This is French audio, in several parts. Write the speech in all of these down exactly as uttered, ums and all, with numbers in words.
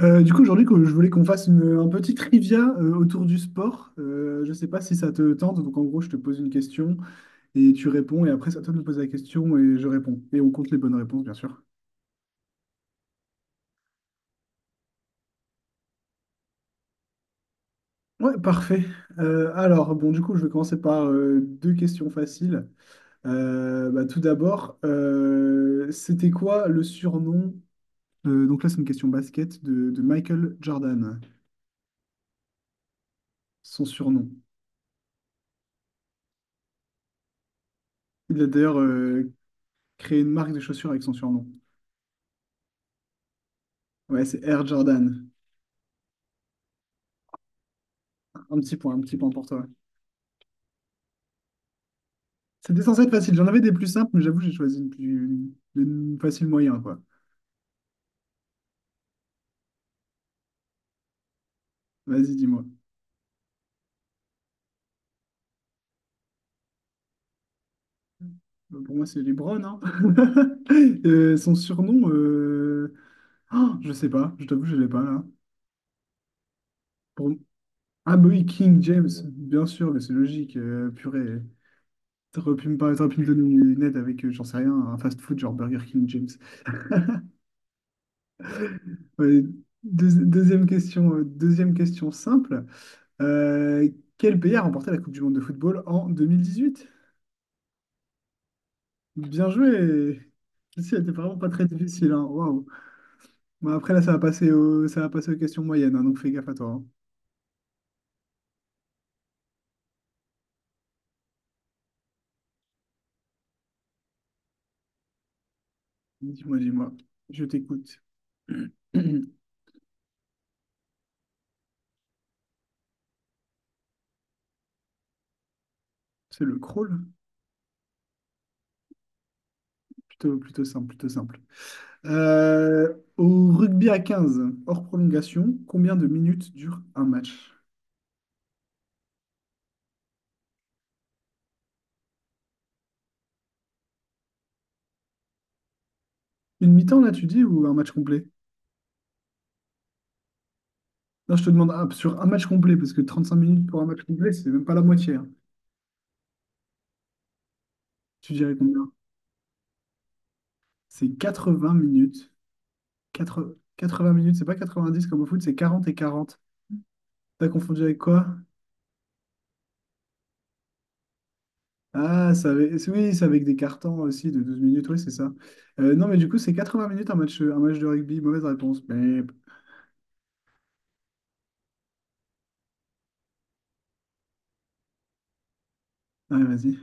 Euh, du coup, aujourd'hui, que- je voulais qu'on fasse une, un petit trivia euh, autour du sport. Euh, je ne sais pas si ça te tente. Donc, en gros, je te pose une question et tu réponds. Et après, c'est à toi de me poser la question et je réponds. Et on compte les bonnes réponses, bien sûr. Ouais, parfait. Euh, alors, bon, du coup, je vais commencer par euh, deux questions faciles. Euh, bah, tout d'abord, euh, c'était quoi le surnom euh, donc là, c'est une question basket de, de Michael Jordan, son surnom. Il a d'ailleurs euh, créé une marque de chaussures avec son surnom. Ouais, c'est Air Jordan. Un petit point, un petit point pour toi. C'était censé être facile. J'en avais des plus simples, mais j'avoue, j'ai choisi une plus une facile moyen, quoi. Vas-y, dis-moi. Euh, Pour moi, c'est LeBron, hein. Euh, son surnom, euh, oh, je sais pas. Je t'avoue, je l'ai pas, là. Pour... Ah, bah oui, King James, bien sûr, mais c'est logique. Euh, purée. T'aurais pu me parler, t'aurais pu me donner une aide avec, euh, j'en sais rien, un fast-food genre Burger King James. Ouais, deuxi- deuxième question, euh, deuxième question simple. Euh, quel pays a remporté la Coupe du monde de football en deux mille dix-huit? Bien joué. Celle-ci était vraiment pas très difficile, hein. Waouh. Bon, après, là, ça va passer au... ça va passer aux questions moyennes, hein, donc fais gaffe à toi, hein. Dis-moi, dis-moi. Je t'écoute. C'est le crawl? Plutôt, plutôt simple, plutôt simple. Euh, au rugby à quinze, hors prolongation, combien de minutes dure un match? Une mi-temps, là, tu dis, ou un match complet? Non, je te demande ah, sur un match complet, parce que trente-cinq minutes pour un match complet, c'est même pas la moitié, hein. Tu dirais combien? C'est quatre-vingts minutes, quatre quatre-vingts minutes, c'est pas quatre-vingt-dix comme au foot, c'est quarante et quarante. T'as confondu avec quoi? Ah, ça avait- c'est- oui, c'est avec des cartons aussi de douze minutes, oui, c'est ça. Euh, non, mais du coup, c'est quatre-vingts minutes un match, un match de rugby. Mauvaise réponse. Mais... Ouais, vas-y.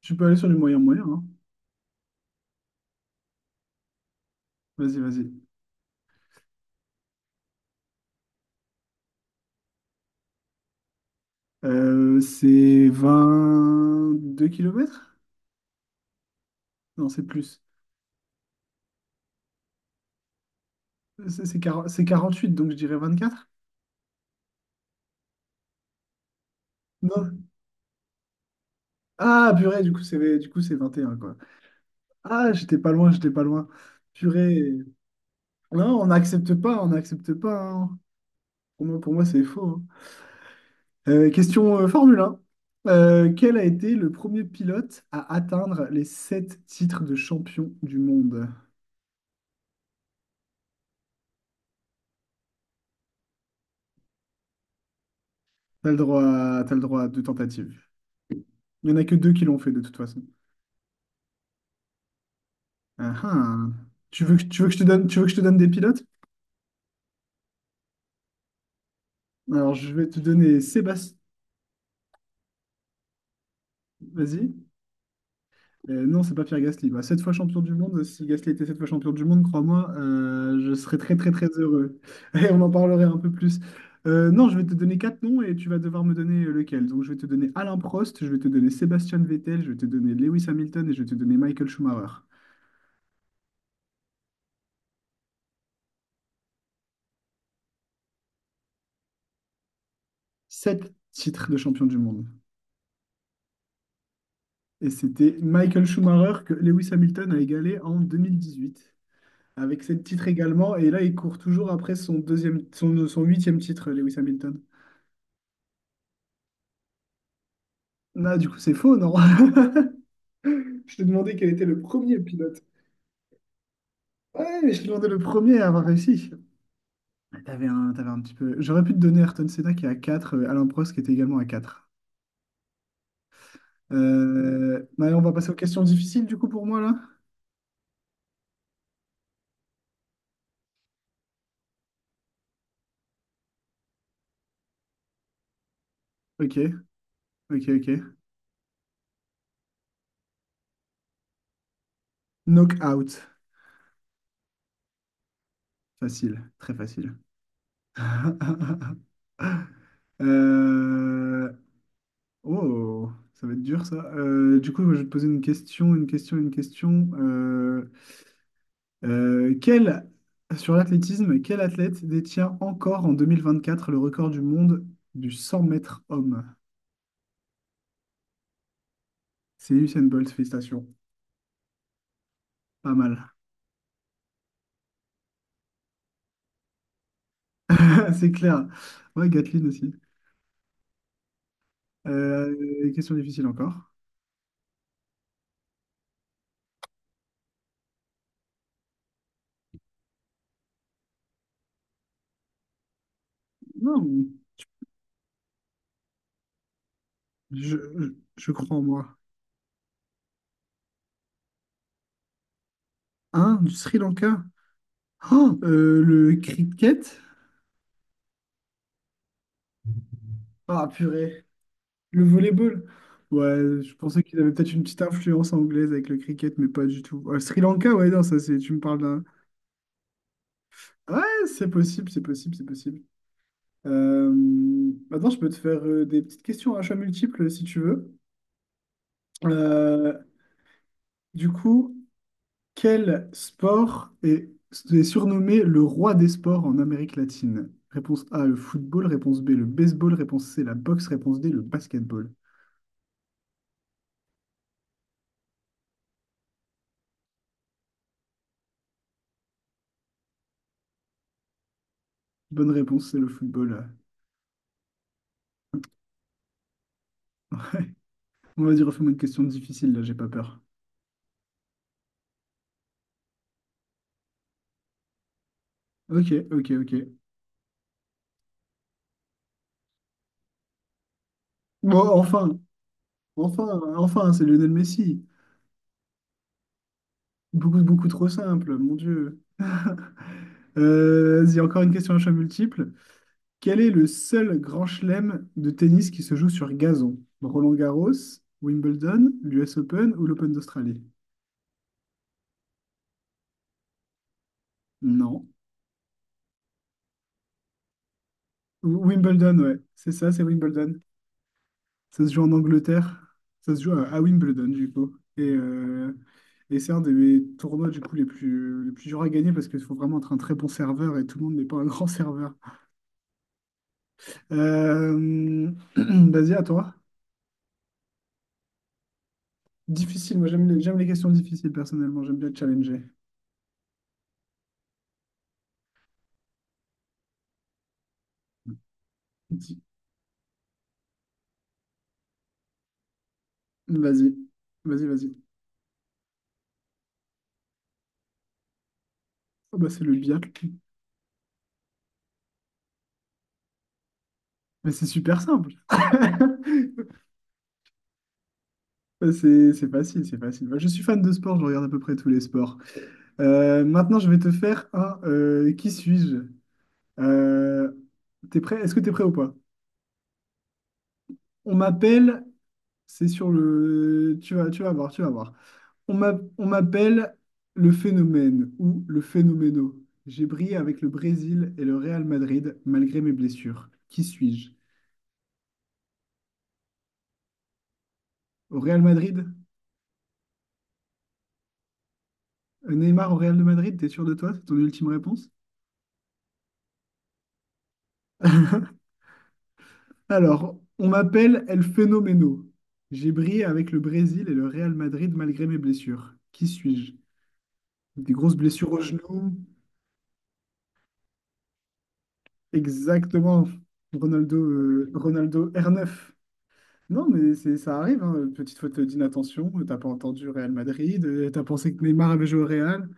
Tu peux aller sur du moyen-moyen, hein. Vas-y, vas-y. Euh, c'est deux kilomètres. Non, c'est plus. C'est c'est quarante c'est quarante-huit, donc je dirais vingt-quatre. Non. Ah, purée, du coup, c'est du coup, c'est vingt et un, quoi. Ah, j'étais pas loin, j'étais pas loin. Purée. Non, on n'accepte pas, on n'accepte pas, hein. Pour moi, pour moi, c'est faux, hein. Euh, question euh, Formule un. Euh, quel a été le premier pilote à atteindre les sept titres de champion du monde? T'as le droit, à- t'as le droit à deux tentatives. Il n'y en a que deux qui l'ont fait de toute façon. Ah, ah. Tu veux que, tu veux que je te donne, tu veux que je te donne des pilotes? Alors, je vais te donner Sébastien. Vas-y. Euh, non, c'est pas Pierre Gasly. Bah, sept fois champion du monde, si Gasly était sept fois champion du monde, crois-moi, euh, je serais très très très heureux. Et on en parlerait un peu plus. Euh, non, je vais te donner quatre noms et tu vas devoir me donner lequel. Donc je vais te donner Alain Prost, je vais te donner Sébastien Vettel, je vais te donner Lewis Hamilton et je vais te donner Michael Schumacher. Sept titres de champion du monde. Et c'était Michael Schumacher que Lewis Hamilton a égalé en deux mille dix-huit. Avec sept titres également. Et là, il court toujours après son deuxième, son, son huitième titre, Lewis Hamilton. Ah, du coup, c'est faux, non? Je t'ai demandé quel était le premier pilote. Ouais, mais je t'ai demandé le premier à avoir réussi. Ah, t'avais un, t'avais un petit peu. J'aurais pu te donner Ayrton Senna qui est à quatre, euh, Alain Prost qui était également à quatre. Euh... bah, on va passer aux questions difficiles du coup pour moi là. Ok, ok, ok. Knockout. Facile, très facile. Euh, Oh, ça va être dur ça. Euh, du coup, je vais te poser une question, une question, une question. Euh, Euh, quel, sur l'athlétisme, quel athlète détient encore en deux mille vingt-quatre le record du monde du cent mètres homme? C'est Usain Bolt, félicitations. Pas mal. C'est clair. Ouais, Gatlin aussi. Euh, question difficile encore. Non, je, je- je crois en moi. Hein, du Sri Lanka? Oh, euh, le cricket? Ah, purée. Le volleyball? Ouais, je pensais qu'il avait peut-être une petite influence anglaise avec le cricket, mais pas du tout. Euh, Sri Lanka, ouais, non, ça c'est. Tu me parles d'un. Ouais, c'est possible, c'est possible, c'est possible. Euh, maintenant, je peux te faire euh, des petites questions à choix multiples si tu veux. Euh, du coup, quel sport est, est surnommé le roi des sports en Amérique latine? Réponse A, le football. Réponse B, le baseball. Réponse C, la boxe. Réponse D, le basketball. Bonne réponse, c'est le football. On va dire, refais-moi une question difficile, là, j'ai pas peur. Ok, ok, ok. Bon, enfin, enfin, enfin, hein, c'est Lionel Messi. Beaucoup, beaucoup trop simple, mon Dieu. Euh, vas-y, encore une question à choix multiple. Quel est le seul grand chelem de tennis qui se joue sur gazon? Roland-Garros, Wimbledon, l'U S Open ou l'Open d'Australie? Non. Ou- Wimbledon, ouais. C'est ça, c'est Wimbledon. Ça se joue en Angleterre. Ça se joue à, à Wimbledon, du coup. Et, euh, et c'est un des mes tournois, du coup, les plus, les plus durs à gagner parce qu'il faut vraiment être un très bon serveur et tout le monde n'est pas un grand serveur. Euh, vas-y, à toi. Difficile, moi j'aime les, j'aime les questions difficiles personnellement, j'aime bien challenger. Dis- Vas-y, vas-y, vas-y. Oh, bah, c'est le biathlon. Mais c'est super simple. Bah, C'est c'est facile, c'est facile. Moi, je suis fan de sport, je regarde à peu près tous les sports. Euh, maintenant, je vais te faire un euh, qui suis-je? Euh, t'es prêt? Est-ce que t'es prêt ou pas? On m'appelle, c'est sur le. Tu vas, tu vas voir, tu vas voir. On m'a- on m'appelle le phénomène ou le phénoméno. J'ai brillé avec le Brésil et le Real Madrid malgré mes blessures. Qui suis-je? Au Real Madrid? Euh, Neymar au Real de Madrid, t'es sûr de toi? C'est ton ultime réponse? Alors, on m'appelle El Phénoméno. J'ai brillé avec le Brésil et le Real Madrid malgré mes blessures. Qui suis-je? Des grosses blessures au genou. Exactement. Ronaldo, euh, Ronaldo R neuf. Non, mais c'est, ça arrive, hein. Petite faute d'inattention, t'as pas entendu Real Madrid, euh, t'as pensé que Neymar avait joué au Real.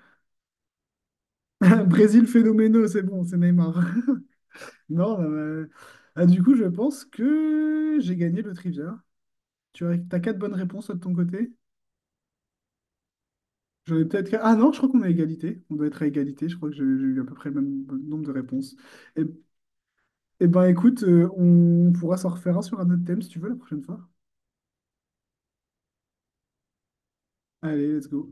Brésil phénoménal, c'est bon, c'est Neymar. Non, euh, ah, du coup, je pense que j'ai gagné le trivia. Tu as, t'as quatre bonnes réponses toi, de ton côté? J'en ai peut-être... Ah non, je crois qu'on est à égalité. On doit être à égalité, je crois que j'ai j'ai eu à peu près le même nombre de réponses. Et, et ben écoute, euh, on pourra s'en refaire un sur un autre thème si tu veux la prochaine fois. Allez, let's go.